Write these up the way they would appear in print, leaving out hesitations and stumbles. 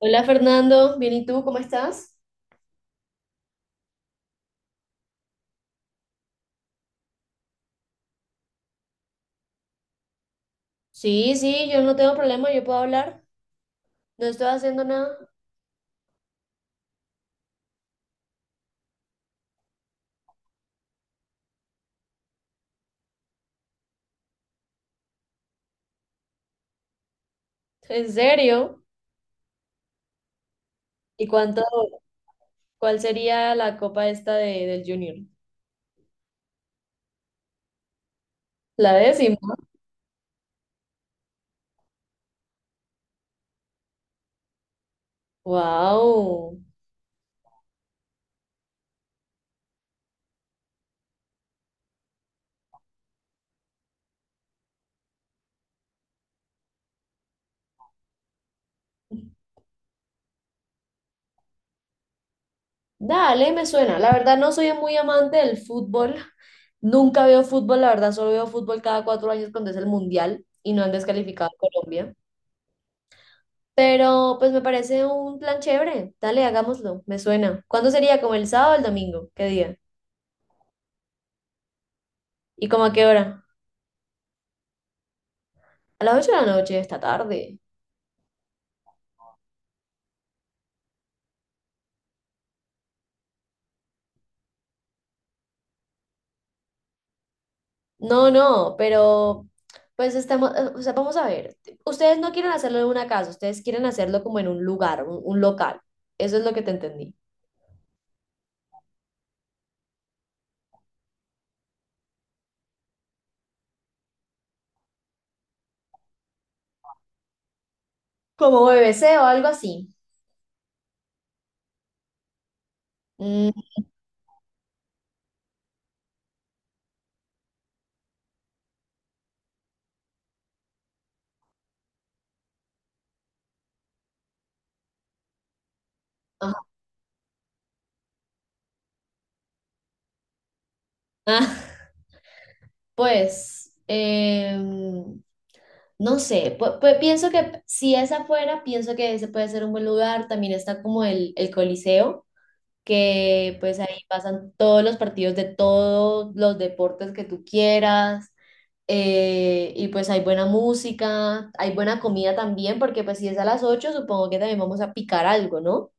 Hola Fernando, bien, ¿y tú cómo estás? Sí, sí, yo no tengo problema, yo puedo hablar, no estoy haciendo nada. ¿En serio? ¿Y cuál sería la copa esta de, del Junior? La décima. Wow. Dale, me suena. La verdad no soy muy amante del fútbol. Nunca veo fútbol, la verdad solo veo fútbol cada 4 años cuando es el mundial y no han descalificado a Colombia. Pero pues me parece un plan chévere. Dale, hagámoslo, me suena. ¿Cuándo sería? ¿Como el sábado o el domingo? ¿Qué día? ¿Y como a qué hora? A las 8 de la noche, esta tarde. No, no, pero pues estamos, o sea, vamos a ver. Ustedes no quieren hacerlo en una casa, ustedes quieren hacerlo como en un lugar, un local. Eso es lo que te entendí. Como BBC o algo así. Mm, ajá. Ah, pues, no sé, pienso que si es afuera, pienso que ese puede ser un buen lugar. También está como el Coliseo. Que pues ahí pasan todos los partidos de todos los deportes que tú quieras. Y pues hay buena música, hay buena comida también, porque pues si es a las 8 supongo que también vamos a picar algo, ¿no?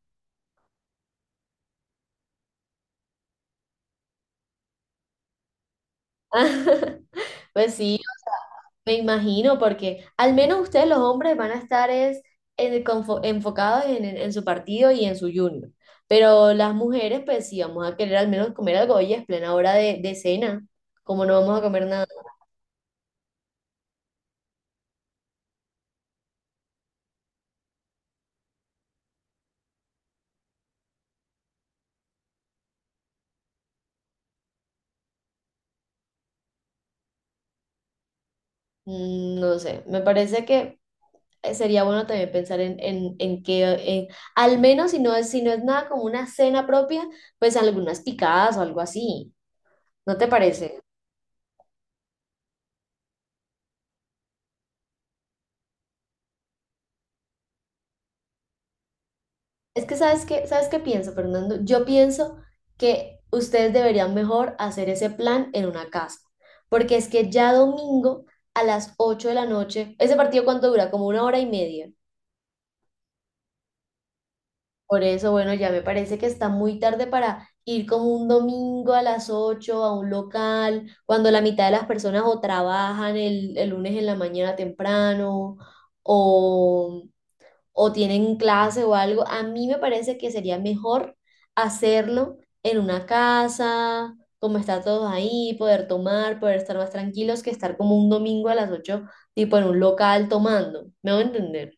Pues sí, me imagino, porque al menos ustedes los hombres van a estar enfocados en su partido y en su junior. Pero las mujeres, pues sí, vamos a querer al menos comer algo, oye, es plena hora de cena, como no vamos a comer nada. Mm, no sé, me parece que sería bueno también pensar en que, al menos si no es nada como una cena propia, pues algunas picadas o algo así. ¿No te parece? Es que ¿sabes qué pienso, Fernando? Yo pienso que ustedes deberían mejor hacer ese plan en una casa, porque es que ya domingo a las 8 de la noche, ese partido cuánto dura, como una hora y media. Por eso, bueno, ya me parece que está muy tarde para ir como un domingo a las 8 a un local, cuando la mitad de las personas o trabajan el lunes en la mañana temprano o, o tienen clase o algo. A mí me parece que sería mejor hacerlo en una casa, como estar todos ahí, poder tomar, poder estar más tranquilos que estar como un domingo a las 8 tipo en un local tomando. ¿Me voy a entender?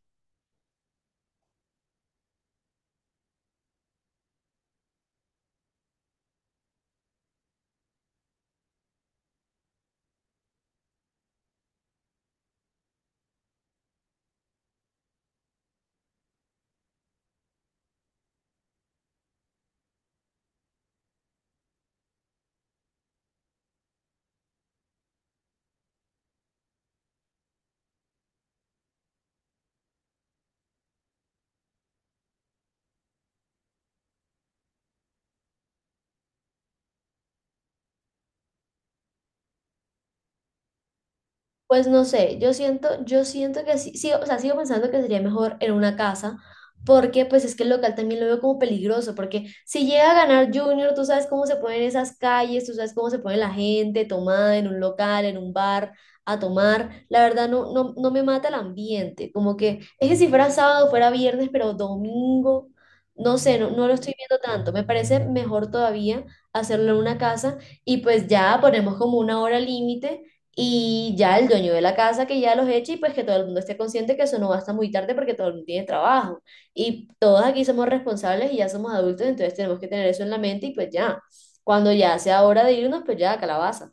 Pues no sé, yo siento que sí, sí, o sea, sigo pensando que sería mejor en una casa, porque pues es que el local también lo veo como peligroso, porque si llega a ganar Junior, tú sabes cómo se ponen esas calles, tú sabes cómo se pone la gente tomada en un local, en un bar, a tomar, la verdad no, no, no me mata el ambiente, como que es que si fuera sábado, fuera viernes, pero domingo, no sé, no, no lo estoy viendo tanto, me parece mejor todavía hacerlo en una casa y pues ya ponemos como una hora límite y ya el dueño de la casa que ya los eche y pues que todo el mundo esté consciente que eso no va hasta muy tarde porque todo el mundo tiene trabajo. Y todos aquí somos responsables y ya somos adultos, entonces tenemos que tener eso en la mente y pues ya, cuando ya sea hora de irnos, pues ya, calabaza.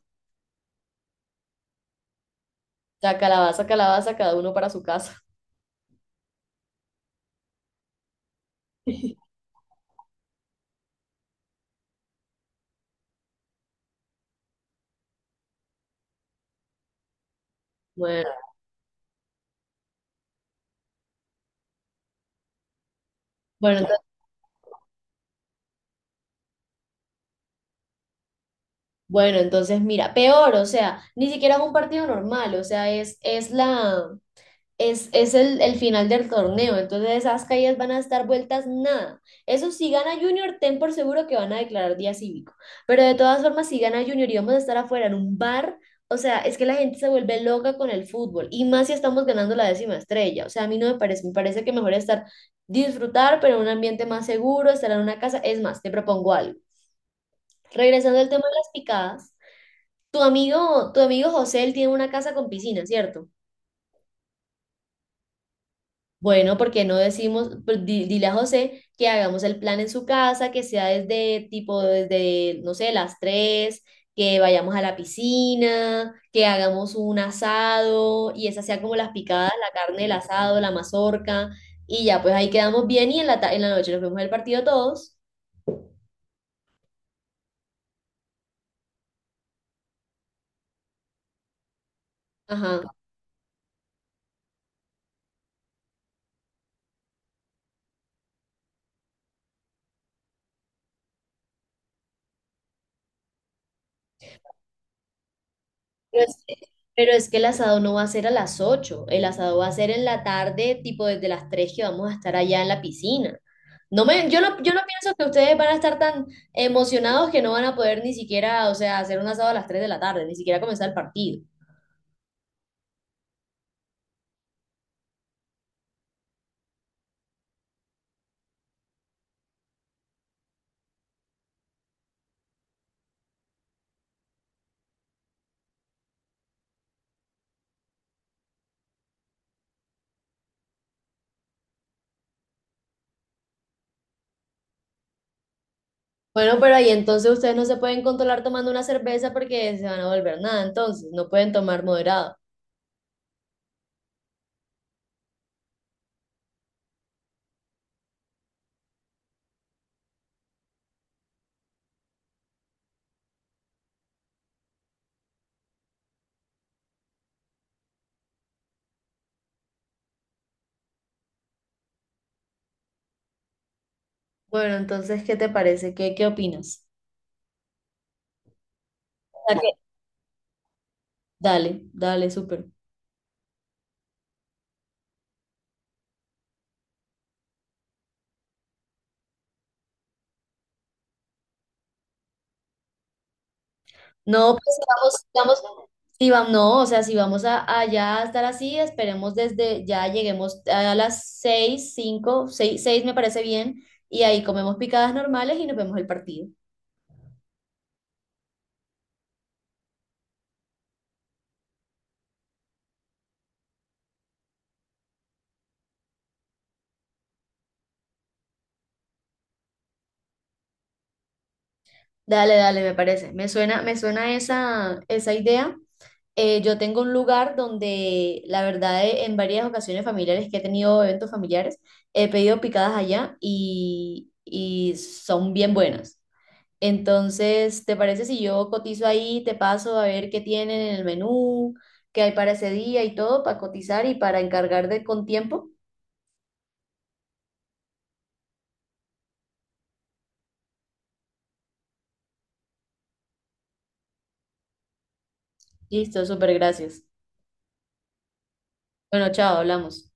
Ya, calabaza, calabaza, cada uno para su casa. Bueno, bueno, entonces mira, peor, o sea, ni siquiera es un partido normal, o sea, es la, es el final del torneo, entonces esas caídas van a estar vueltas nada. Eso si gana Junior, ten por seguro que van a declarar día cívico. Pero de todas formas, si gana Junior y vamos a estar afuera en un bar, o sea, es que la gente se vuelve loca con el fútbol y más si estamos ganando la décima estrella. O sea, a mí no me parece, me parece que mejor estar disfrutar, pero en un ambiente más seguro, estar en una casa. Es más, te propongo algo. Regresando al tema de las picadas, tu amigo José, él tiene una casa con piscina, ¿cierto? Bueno, porque no decimos, pues, dile a José que hagamos el plan en su casa, que sea desde tipo, desde, no sé, las 3 que vayamos a la piscina, que hagamos un asado y esa sea como las picadas, la carne, el asado, la mazorca y ya, pues ahí quedamos bien y en en la noche nos vemos el partido todos. Ajá. Pero es, que pero es que el asado no va a ser a las 8. El asado va a ser en la tarde, tipo desde las 3 que vamos a estar allá en la piscina. No me, yo no, yo no pienso que ustedes van a estar tan emocionados que no van a poder ni siquiera, o sea, hacer un asado a las 3 de la tarde, ni siquiera comenzar el partido. Bueno, pero ahí entonces ustedes no se pueden controlar tomando una cerveza porque se van a volver nada, entonces no pueden tomar moderado. Bueno, entonces, ¿qué te parece? ¿Qué opinas? O sea que- Dale, dale, súper. No, pues si vamos, si vamos, no, o sea, si vamos a, allá a estar así, esperemos desde, ya lleguemos a las 6, cinco, seis, seis me parece bien, y ahí comemos picadas normales y nos vemos el partido. Dale, dale, me parece. Me suena esa idea. Yo tengo un lugar donde, la verdad, en varias ocasiones familiares que he tenido eventos familiares, he pedido picadas allá y son bien buenas. Entonces, ¿te parece si yo cotizo ahí, te paso a ver qué tienen en el menú, qué hay para ese día y todo, para cotizar y para encargar de con tiempo? Listo, súper gracias. Bueno, chao, hablamos.